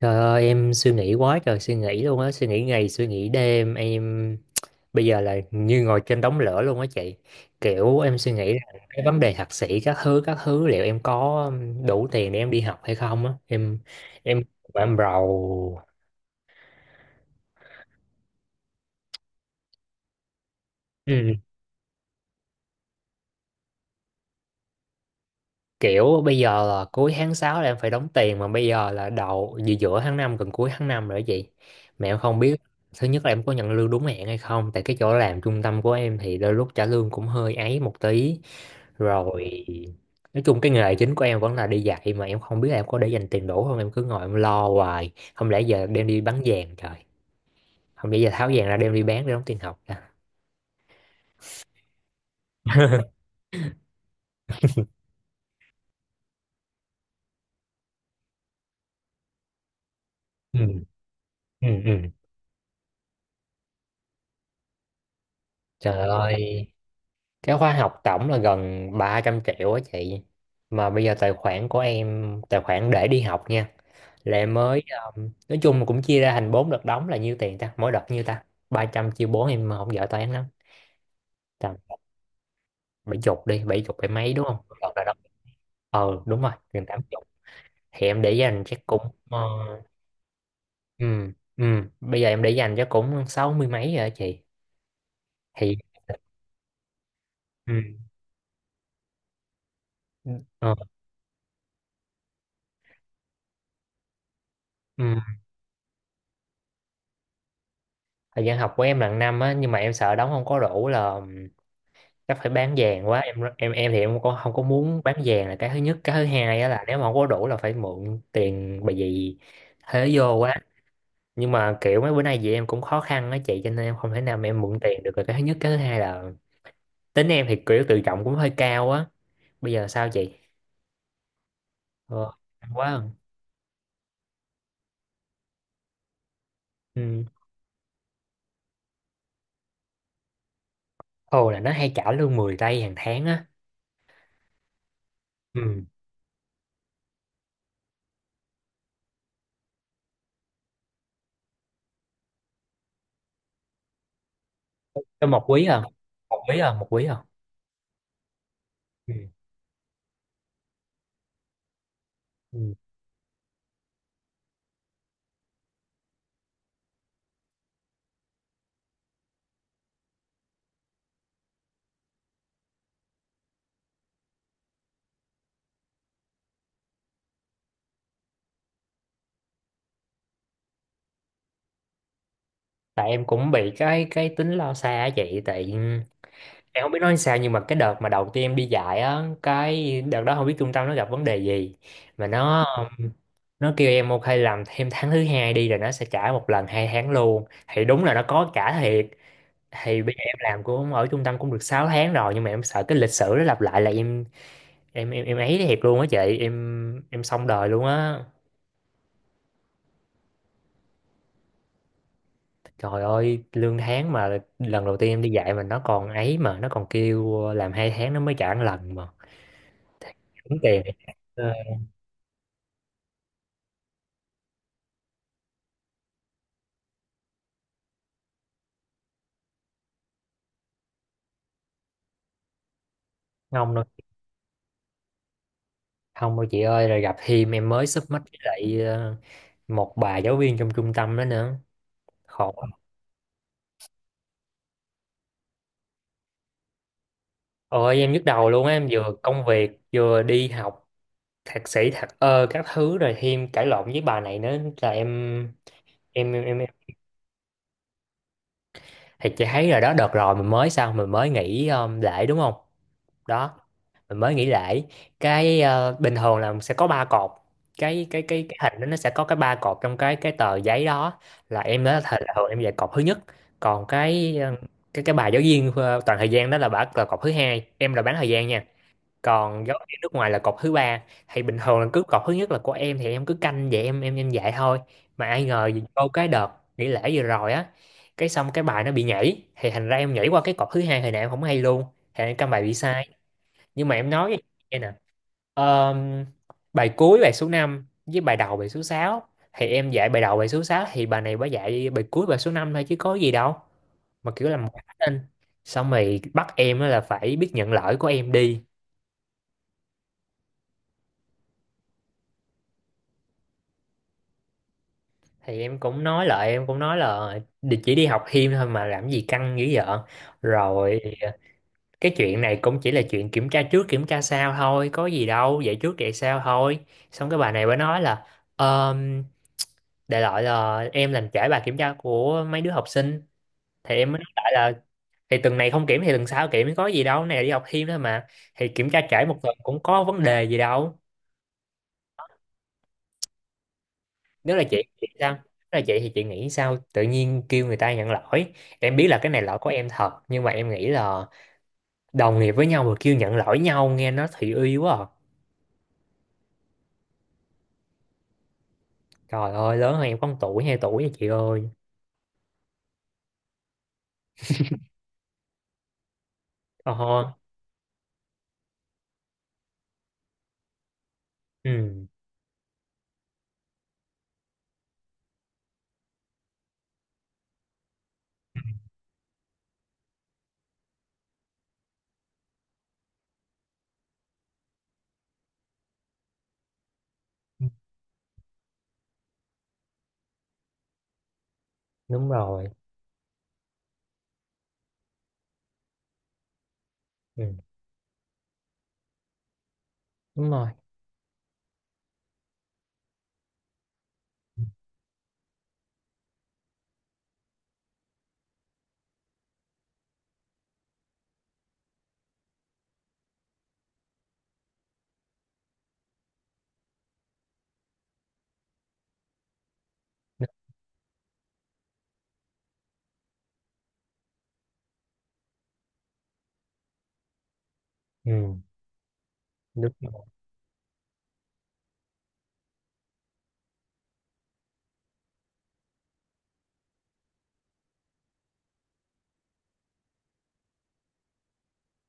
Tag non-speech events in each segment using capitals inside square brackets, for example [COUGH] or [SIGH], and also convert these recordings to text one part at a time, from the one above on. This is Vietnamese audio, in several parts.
Trời ơi, em suy nghĩ quá trời suy nghĩ luôn á. Suy nghĩ ngày suy nghĩ đêm. Em bây giờ là như ngồi trên đống lửa luôn á chị. Kiểu em suy nghĩ là cái vấn đề thạc sĩ các thứ các thứ. Liệu em có đủ tiền để em đi học hay không á. Em em rầu. Ừ. Kiểu bây giờ là cuối tháng sáu là em phải đóng tiền. Mà bây giờ là đầu giữa giữa tháng 5 gần cuối tháng 5 rồi đó chị. Mà em không biết. Thứ nhất là em có nhận lương đúng hẹn hay không. Tại cái chỗ làm trung tâm của em thì đôi lúc trả lương cũng hơi ấy một tí rồi. Nói chung cái nghề chính của em vẫn là đi dạy, mà em không biết là em có để dành tiền đủ không. Em cứ ngồi em lo hoài, không lẽ giờ đem đi bán vàng trời. Không lẽ giờ tháo vàng ra đem đi bán để đóng tiền học ra. [LAUGHS] Ừ, ừ, ừ. Trời ơi, cái khóa học tổng là gần 300 triệu á chị. Mà bây giờ tài khoản của em, tài khoản để đi học nha, là em mới nói chung là cũng chia ra thành bốn đợt đóng, là nhiêu tiền ta, mỗi đợt nhiêu ta. Ba trăm chia bốn, em mà không giỏi toán lắm. Tầm 70 đi, bảy chục bảy mấy đúng không, đợt là đóng. Ờ đúng rồi, gần 80. Thì em để dành chắc cũng, ờ, ừ, ừ, bây giờ em để dành chắc cũng sáu mươi mấy rồi á chị. Thì ừ. ờ, ừ, thời gian học của em là năm á, nhưng mà em sợ đóng không có đủ, là chắc phải bán vàng quá. Em thì em không có muốn bán vàng là cái thứ nhất. Cái thứ hai á là nếu mà không có đủ là phải mượn tiền, bởi vì thế vô quá. Nhưng mà kiểu mấy bữa nay chị em cũng khó khăn á chị, cho nên em không thể nào mà em mượn tiền được. Rồi cái thứ nhất, cái thứ hai là tính em thì kiểu tự trọng cũng hơi cao á. Bây giờ sao chị? Ờ, hay quá à. Ừ. Ồ, là nó hay trả lương 10 tây hàng tháng á. Ừ. Cho một quý à, một quý à, một quý à. Ừ. Ừ. Tại em cũng bị cái tính lo xa á chị, tại em không biết nói sao, nhưng mà cái đợt mà đầu tiên em đi dạy á, cái đợt đó không biết trung tâm nó gặp vấn đề gì mà nó kêu em ok làm thêm tháng thứ hai đi rồi nó sẽ trả một lần 2 tháng luôn, thì đúng là nó có trả thiệt. Thì bây giờ em làm cũng ở trung tâm cũng được 6 tháng rồi, nhưng mà em sợ cái lịch sử nó lặp lại, là em ấy thiệt luôn á chị. Em xong đời luôn á. Trời ơi, lương tháng mà lần đầu tiên em đi dạy mà nó còn ấy, mà nó còn kêu làm hai tháng nó mới trả một lần mà. Đúng tiền. Ờ, không đâu, không đâu chị ơi. Rồi gặp thêm em mới sub mắt, với lại một bà giáo viên trong trung tâm đó nữa. Khổ. Ôi em nhức đầu luôn á, em vừa công việc vừa đi học thạc sĩ thạc ơ các thứ rồi thêm cãi lộn với bà này nữa là em. Thì chị thấy rồi đó, đợt rồi mình mới, sao mình mới nghỉ lễ đúng không. Đó, mình mới nghỉ lễ. Bình thường là sẽ có ba cột. Cái hình đó nó sẽ có cái ba cột trong cái tờ giấy đó, là em đó, là thường em dạy cột thứ nhất. Còn cái bài giáo viên toàn thời gian đó là bả, là cột thứ hai. Em là bán thời gian nha. Còn giáo viên nước ngoài là cột thứ ba. Thì bình thường là cứ cột thứ nhất là của em, thì em cứ canh vậy em em dạy thôi. Mà ai ngờ vô cái đợt nghỉ lễ vừa rồi á, cái xong cái bài nó bị nhảy thì thành ra em nhảy qua cái cột thứ hai, hồi nãy em không hay luôn, thì em căn bài bị sai. Nhưng mà em nói với chị nghe nè: "Ờm, Bài cuối bài số 5 với bài đầu bài số sáu, thì em dạy bài đầu bài số sáu, thì bà này bà dạy bài cuối bài số 5 thôi chứ có gì đâu, mà kiểu làm quá lên. Xong rồi bắt em á là phải biết nhận lỗi của em đi. Thì em cũng nói lại, em cũng nói là chỉ đi học thêm thôi mà làm gì căng dữ vậy. Rồi cái chuyện này cũng chỉ là chuyện kiểm tra trước kiểm tra sau thôi, có gì đâu, dạy trước dạy sau thôi. Xong cái bà này mới nói là um, đại loại là em làm trễ bài kiểm tra của mấy đứa học sinh. Thì em mới nói lại là thì tuần này không kiểm thì tuần sau kiểm có gì đâu, này là đi học thêm thôi mà, thì kiểm tra trễ 1 tuần cũng có vấn đề gì đâu. nếu là chị chị sao Nếu là chị thì chị nghĩ sao, tự nhiên kêu người ta nhận lỗi. Em biết là cái này lỗi của em thật, nhưng mà em nghĩ là đồng nghiệp với nhau mà kêu nhận lỗi nhau nghe nó thị uy quá à. Trời ơi, lớn hơn em có 1 tuổi 2 tuổi nha chị ơi. Ờ ha. Ừ đúng rồi. Ừ đúng rồi. Ừ. Ừ, đúng rồi.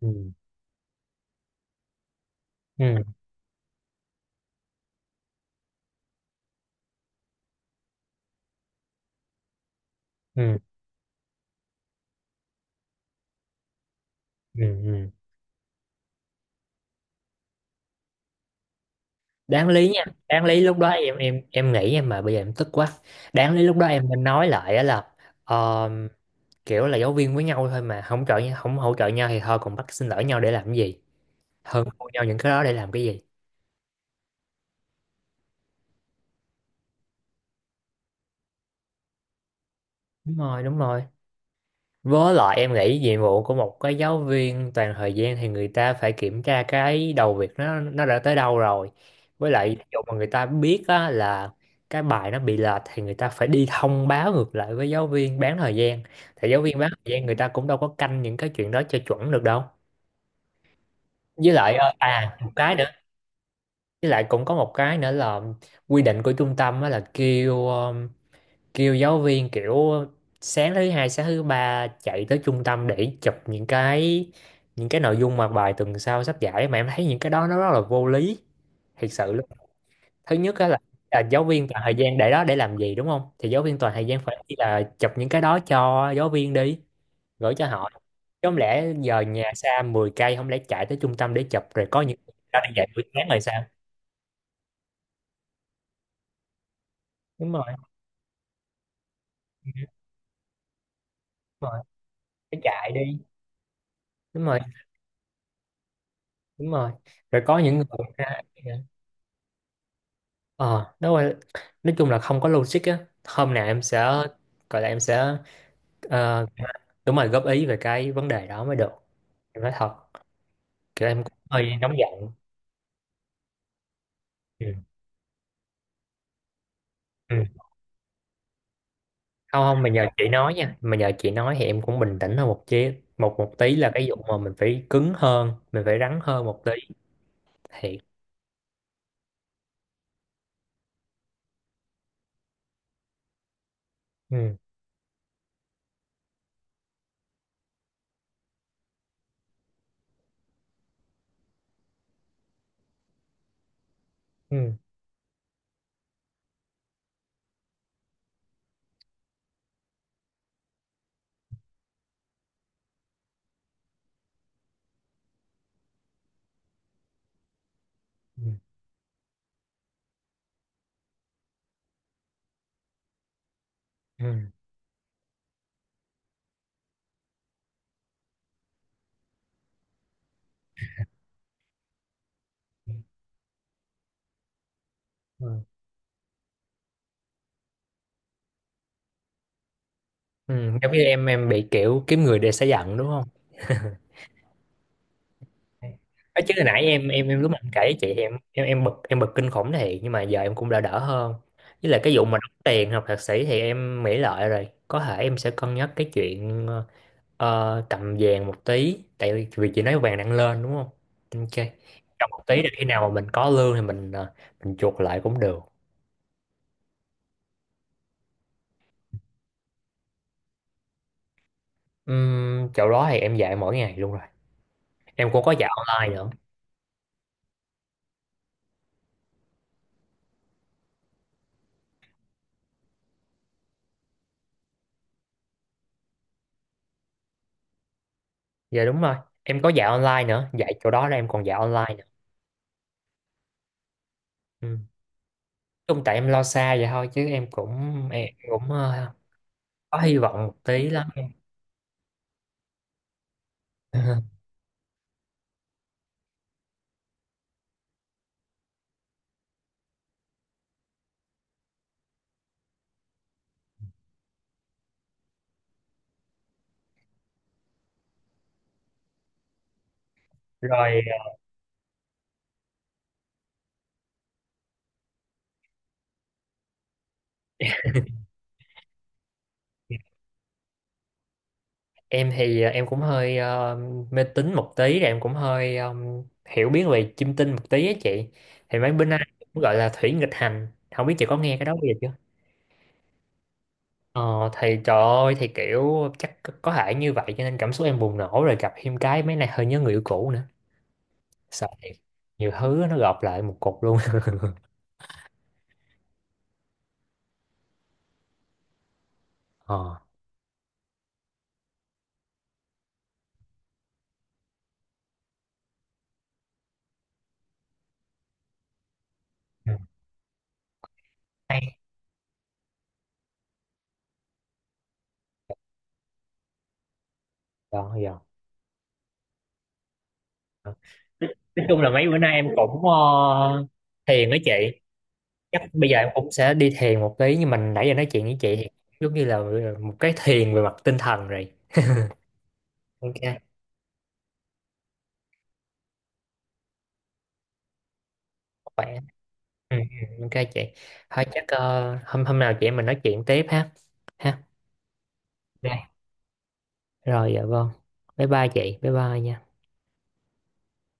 Ừ, ừ, ừ, ừ, ừ. Đáng lý nha, đáng lý lúc đó em em nghĩ em, mà bây giờ em tức quá. Đáng lý lúc đó em nên nói lại á, là ờ, kiểu là giáo viên với nhau thôi mà không hỗ trợ nhau thì thôi, còn bắt xin lỗi nhau để làm cái gì, hơn thua nhau những cái đó để làm cái gì. Đúng rồi, đúng rồi. Với lại em nghĩ nhiệm vụ của một cái giáo viên toàn thời gian thì người ta phải kiểm tra cái đầu việc nó đã tới đâu rồi. Với lại ví dụ mà người ta biết á, là cái bài nó bị lệch thì người ta phải đi thông báo ngược lại với giáo viên bán thời gian. Thì giáo viên bán thời gian người ta cũng đâu có canh những cái chuyện đó cho chuẩn được đâu. Với lại à một cái nữa, với lại cũng có một cái nữa là quy định của trung tâm á, là kêu giáo viên kiểu sáng thứ hai sáng thứ ba chạy tới trung tâm để chụp những cái nội dung mà bài tuần sau sắp giải, mà em thấy những cái đó nó rất là vô lý, thiệt sự luôn. Thứ nhất á là, giáo viên toàn thời gian để đó để làm gì đúng không, thì giáo viên toàn thời gian phải đi là chụp những cái đó cho giáo viên đi gửi cho họ chứ. Không lẽ giờ nhà xa 10 cây, không lẽ chạy tới trung tâm để chụp, rồi có những, đó đi dạy buổi sáng rồi sao. Đúng rồi, đúng rồi, phải chạy đi. Đúng rồi, đúng rồi. Rồi có những người ra. Ờ, đúng rồi. Nói chung là không có logic á. Hôm nào em sẽ gọi là em sẽ, ờ, đúng rồi góp ý về cái vấn đề đó mới được. Em nói thật, kiểu em cũng hơi nóng giận. Ừ. Ừ. Không, không, mà nhờ chị nói nha. Mà nhờ chị nói thì em cũng bình tĩnh hơn một chí một một tí, là cái vụ mà mình phải cứng hơn, mình phải rắn hơn một tí. Thiệt. Ừ. Ừ. Ừ. Ừ. Ừ. Ừ. Ừ, giống như em bị kiểu kiếm người để xả giận đúng không? Ở chứ hồi nãy em lúc mà em kể với chị em bực, em bực kinh khủng thiệt, nhưng mà giờ em cũng đã đỡ hơn. Với lại cái vụ mà đóng tiền học thạc sĩ thì em nghĩ lại rồi, có thể em sẽ cân nhắc cái chuyện cầm vàng một tí, tại vì vì chị nói vàng đang lên đúng không. Ok. Cầm một tí để khi nào mà mình có lương thì mình chuộc lại cũng được. Chỗ đó thì em dạy mỗi ngày luôn rồi, em cũng có dạy online nữa. Dạ đúng rồi, em có dạy online nữa, dạy chỗ đó là em còn dạy online nữa. Ừ. Chung tại em lo xa vậy thôi, chứ em cũng có hy vọng một tí lắm em. [LAUGHS] Rồi em thì em cũng hơi mê tín một tí, rồi em cũng hơi hiểu biết về chiêm tinh một tí á chị. Thì mấy bên anh cũng gọi là thủy nghịch hành, không biết chị có nghe cái đó bao giờ chưa. Ờ thì trời ơi, thì kiểu chắc có thể như vậy, cho nên cảm xúc em bùng nổ, rồi gặp thêm cái mấy này hơi nhớ người yêu cũ nữa. Sợ thiệt, nhiều thứ nó gộp lại một cục luôn. [LAUGHS] ờ ừ. Hay rồi. Ờ, nói chung là mấy bữa nay em cũng thiền với chị, chắc bây giờ em cũng sẽ đi thiền một tí, nhưng mình nãy giờ nói chuyện với chị thì giống như là một cái thiền về mặt tinh thần rồi. Ok khỏe. Ừ, ừ, ok chị. Thôi chắc hôm hôm nào chị em mình nói chuyện tiếp ha. Ha. Đây rồi, dạ vâng, bye bye chị, bye bye nha.